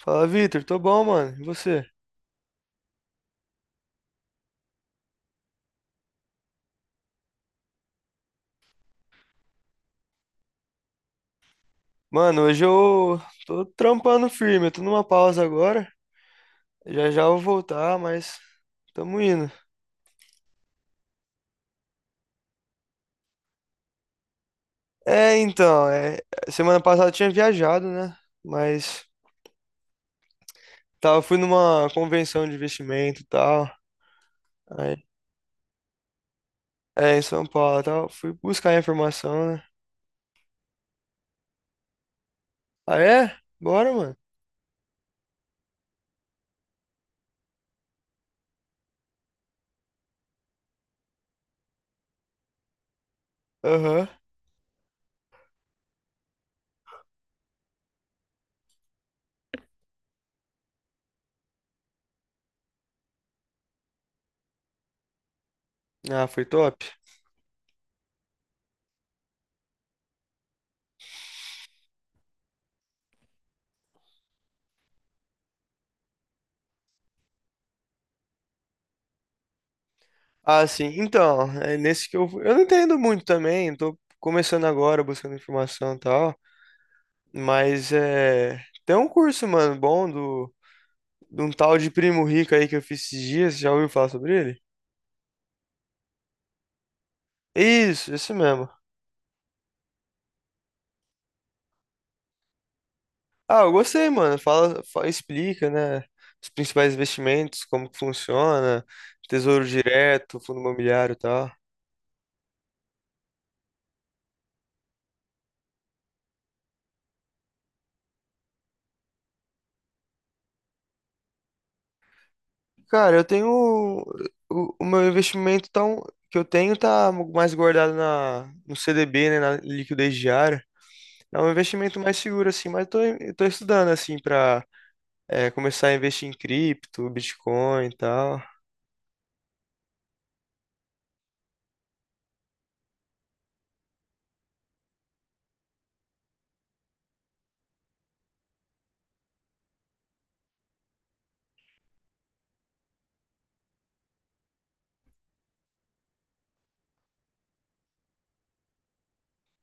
Fala, Vitor, tô bom, mano. E você? Mano, hoje eu tô trampando firme, eu tô numa pausa agora. Já já eu vou voltar, mas tamo indo. É, então, é, semana passada eu tinha viajado, né? Mas fui numa convenção de investimento e tal. Aí, em São Paulo e tal. Fui buscar informação, né? Ah, é? Bora, mano. Aham. Ah, foi top. Ah, sim. Então, é nesse que eu. Eu não entendo muito também, tô começando agora, buscando informação e tal. Mas é. Tem um curso, mano, bom de um tal de Primo Rico aí que eu fiz esses dias. Já ouviu falar sobre ele? Isso, esse mesmo. Ah, eu gostei, mano. Fala, explica, né? Os principais investimentos, como que funciona, tesouro direto, fundo imobiliário e tal. Cara, eu tenho. O meu investimento, que eu tenho tá mais guardado no CDB, né? Na liquidez diária. É um investimento mais seguro, assim, eu tô estudando, assim, pra começar a investir em cripto, Bitcoin e tal.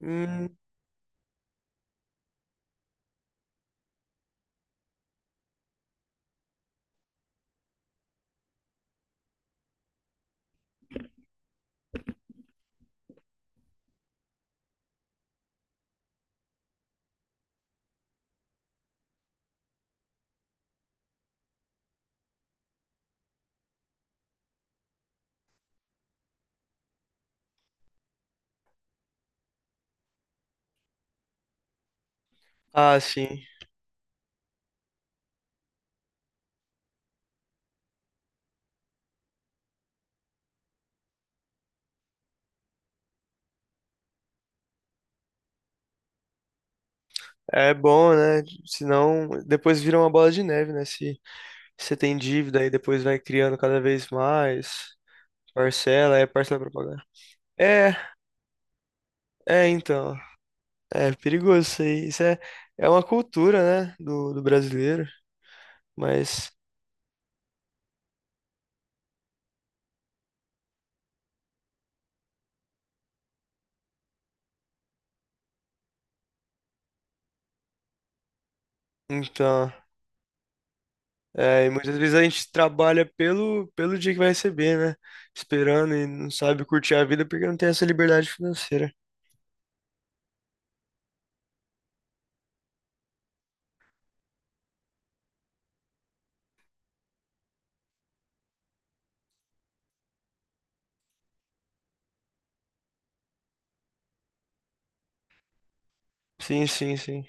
Hum, ah, sim. É bom, né? Senão depois vira uma bola de neve, né? Se você tem dívida e depois vai criando cada vez mais parcela, é parcela pra pagar. É, é então. É perigoso isso aí. É uma cultura, né? Do brasileiro. Mas, então. É, e muitas vezes a gente trabalha pelo dia que vai receber, né? Esperando e não sabe curtir a vida porque não tem essa liberdade financeira. Sim, sim, sim.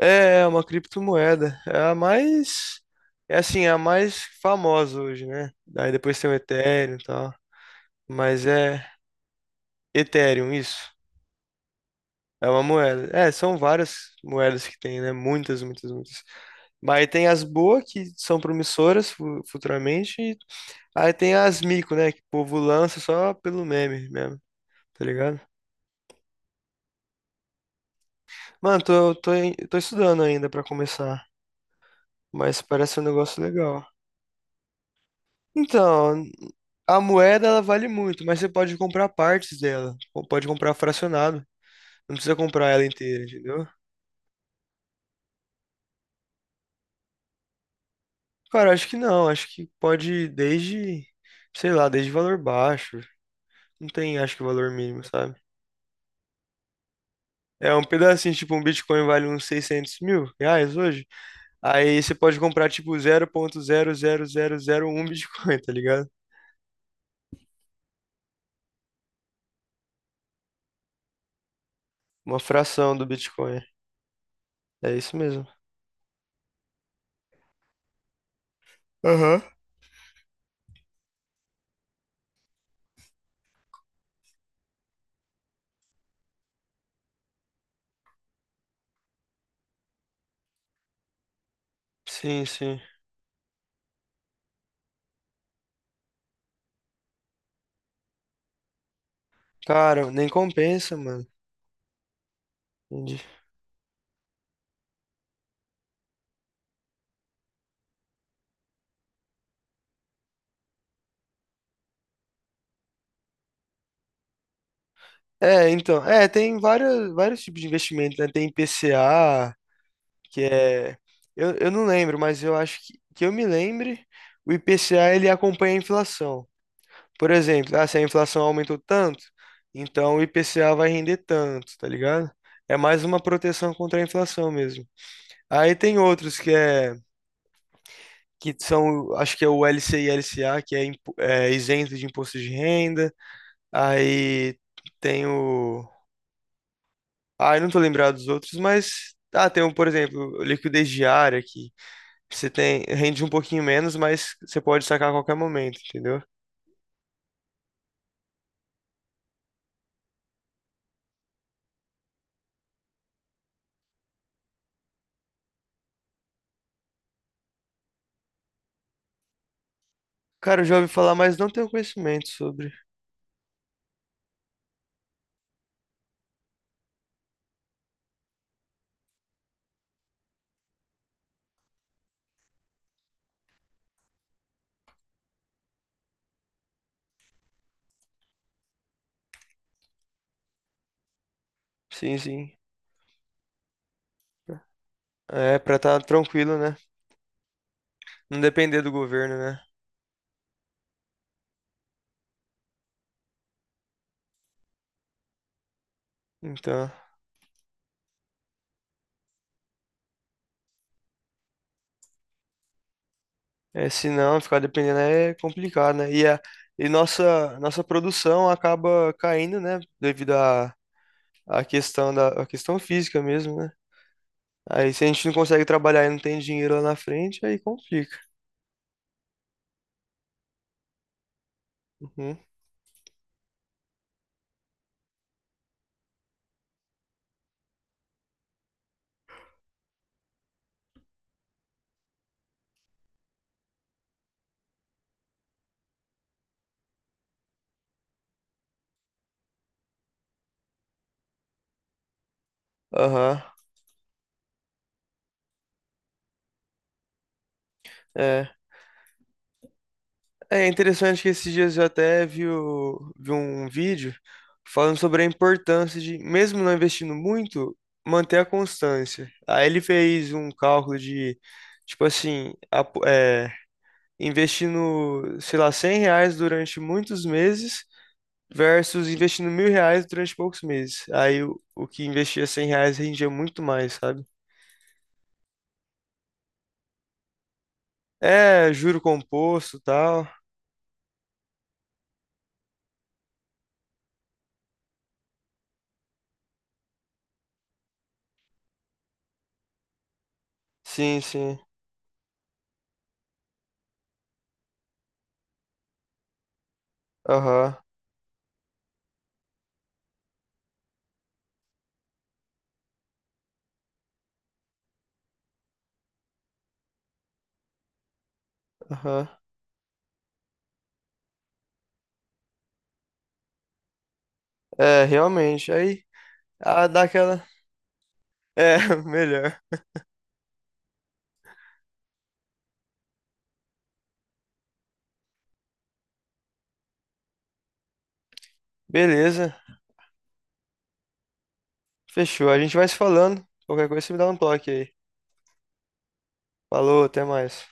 É uma criptomoeda. É a mais. É assim, é a mais famosa hoje, né? Aí depois tem o Ethereum e tal. Mas é. Ethereum, isso. É uma moeda. É, são várias moedas que tem, né? Muitas, muitas, muitas. Mas tem as boas, que são promissoras futuramente. Aí tem as mico, né? Que o povo lança só pelo meme mesmo, tá ligado? Mano, tô estudando ainda pra começar. Mas parece um negócio legal. Então. A moeda ela vale muito, mas você pode comprar partes dela, ou pode comprar fracionado, não precisa comprar ela inteira, entendeu? Cara, acho que não, acho que pode ir desde, sei lá, desde valor baixo, não tem acho que valor mínimo, sabe? É um pedacinho, tipo um Bitcoin vale uns R$ 600.000 hoje, aí você pode comprar tipo 0,00001 Bitcoin, tá ligado? Uma fração do Bitcoin, é isso mesmo. Aham. Sim, sim. Cara, nem compensa, mano. Entendi. Tem vários tipos de investimento, né? Tem IPCA, que é, eu não lembro, mas eu acho que eu me lembre, o IPCA ele acompanha a inflação. Por exemplo, ah, se a inflação aumentou tanto, então o IPCA vai render tanto, tá ligado? É mais uma proteção contra a inflação mesmo. Aí tem outros que que são, acho que é o LCI e LCA, que é, é isento de imposto de renda. Aí tem o. Ah, eu não tô lembrado dos outros, mas ah, tem um, por exemplo, o liquidez diária que você tem, rende um pouquinho menos, mas você pode sacar a qualquer momento, entendeu? Cara, eu já ouvi falar, mas não tenho conhecimento sobre. Sim, sim. É pra estar tranquilo, né? Não depender do governo, né? Então, é, se não ficar dependendo é complicado, né? E nossa produção acaba caindo, né, devido à à questão da à questão física mesmo, né? Aí se a gente não consegue trabalhar e não tem dinheiro lá na frente, aí complica. Uhum. Aham, é. É interessante que esses dias eu até vi, vi um vídeo falando sobre a importância de, mesmo não investindo muito, manter a constância. Aí ele fez um cálculo de, tipo assim, investindo, sei lá, R$ 100 durante muitos meses versus investindo R$ 1.000 durante poucos meses. Aí o que investia R$ 100 rendia muito mais, sabe? É, juro composto e tal. Sim, sim. Aham, aham. É, realmente. Aí, ah, dá aquela. É, melhor. Beleza. Fechou. A gente vai se falando. Qualquer coisa, você me dá um toque aí. Falou, até mais.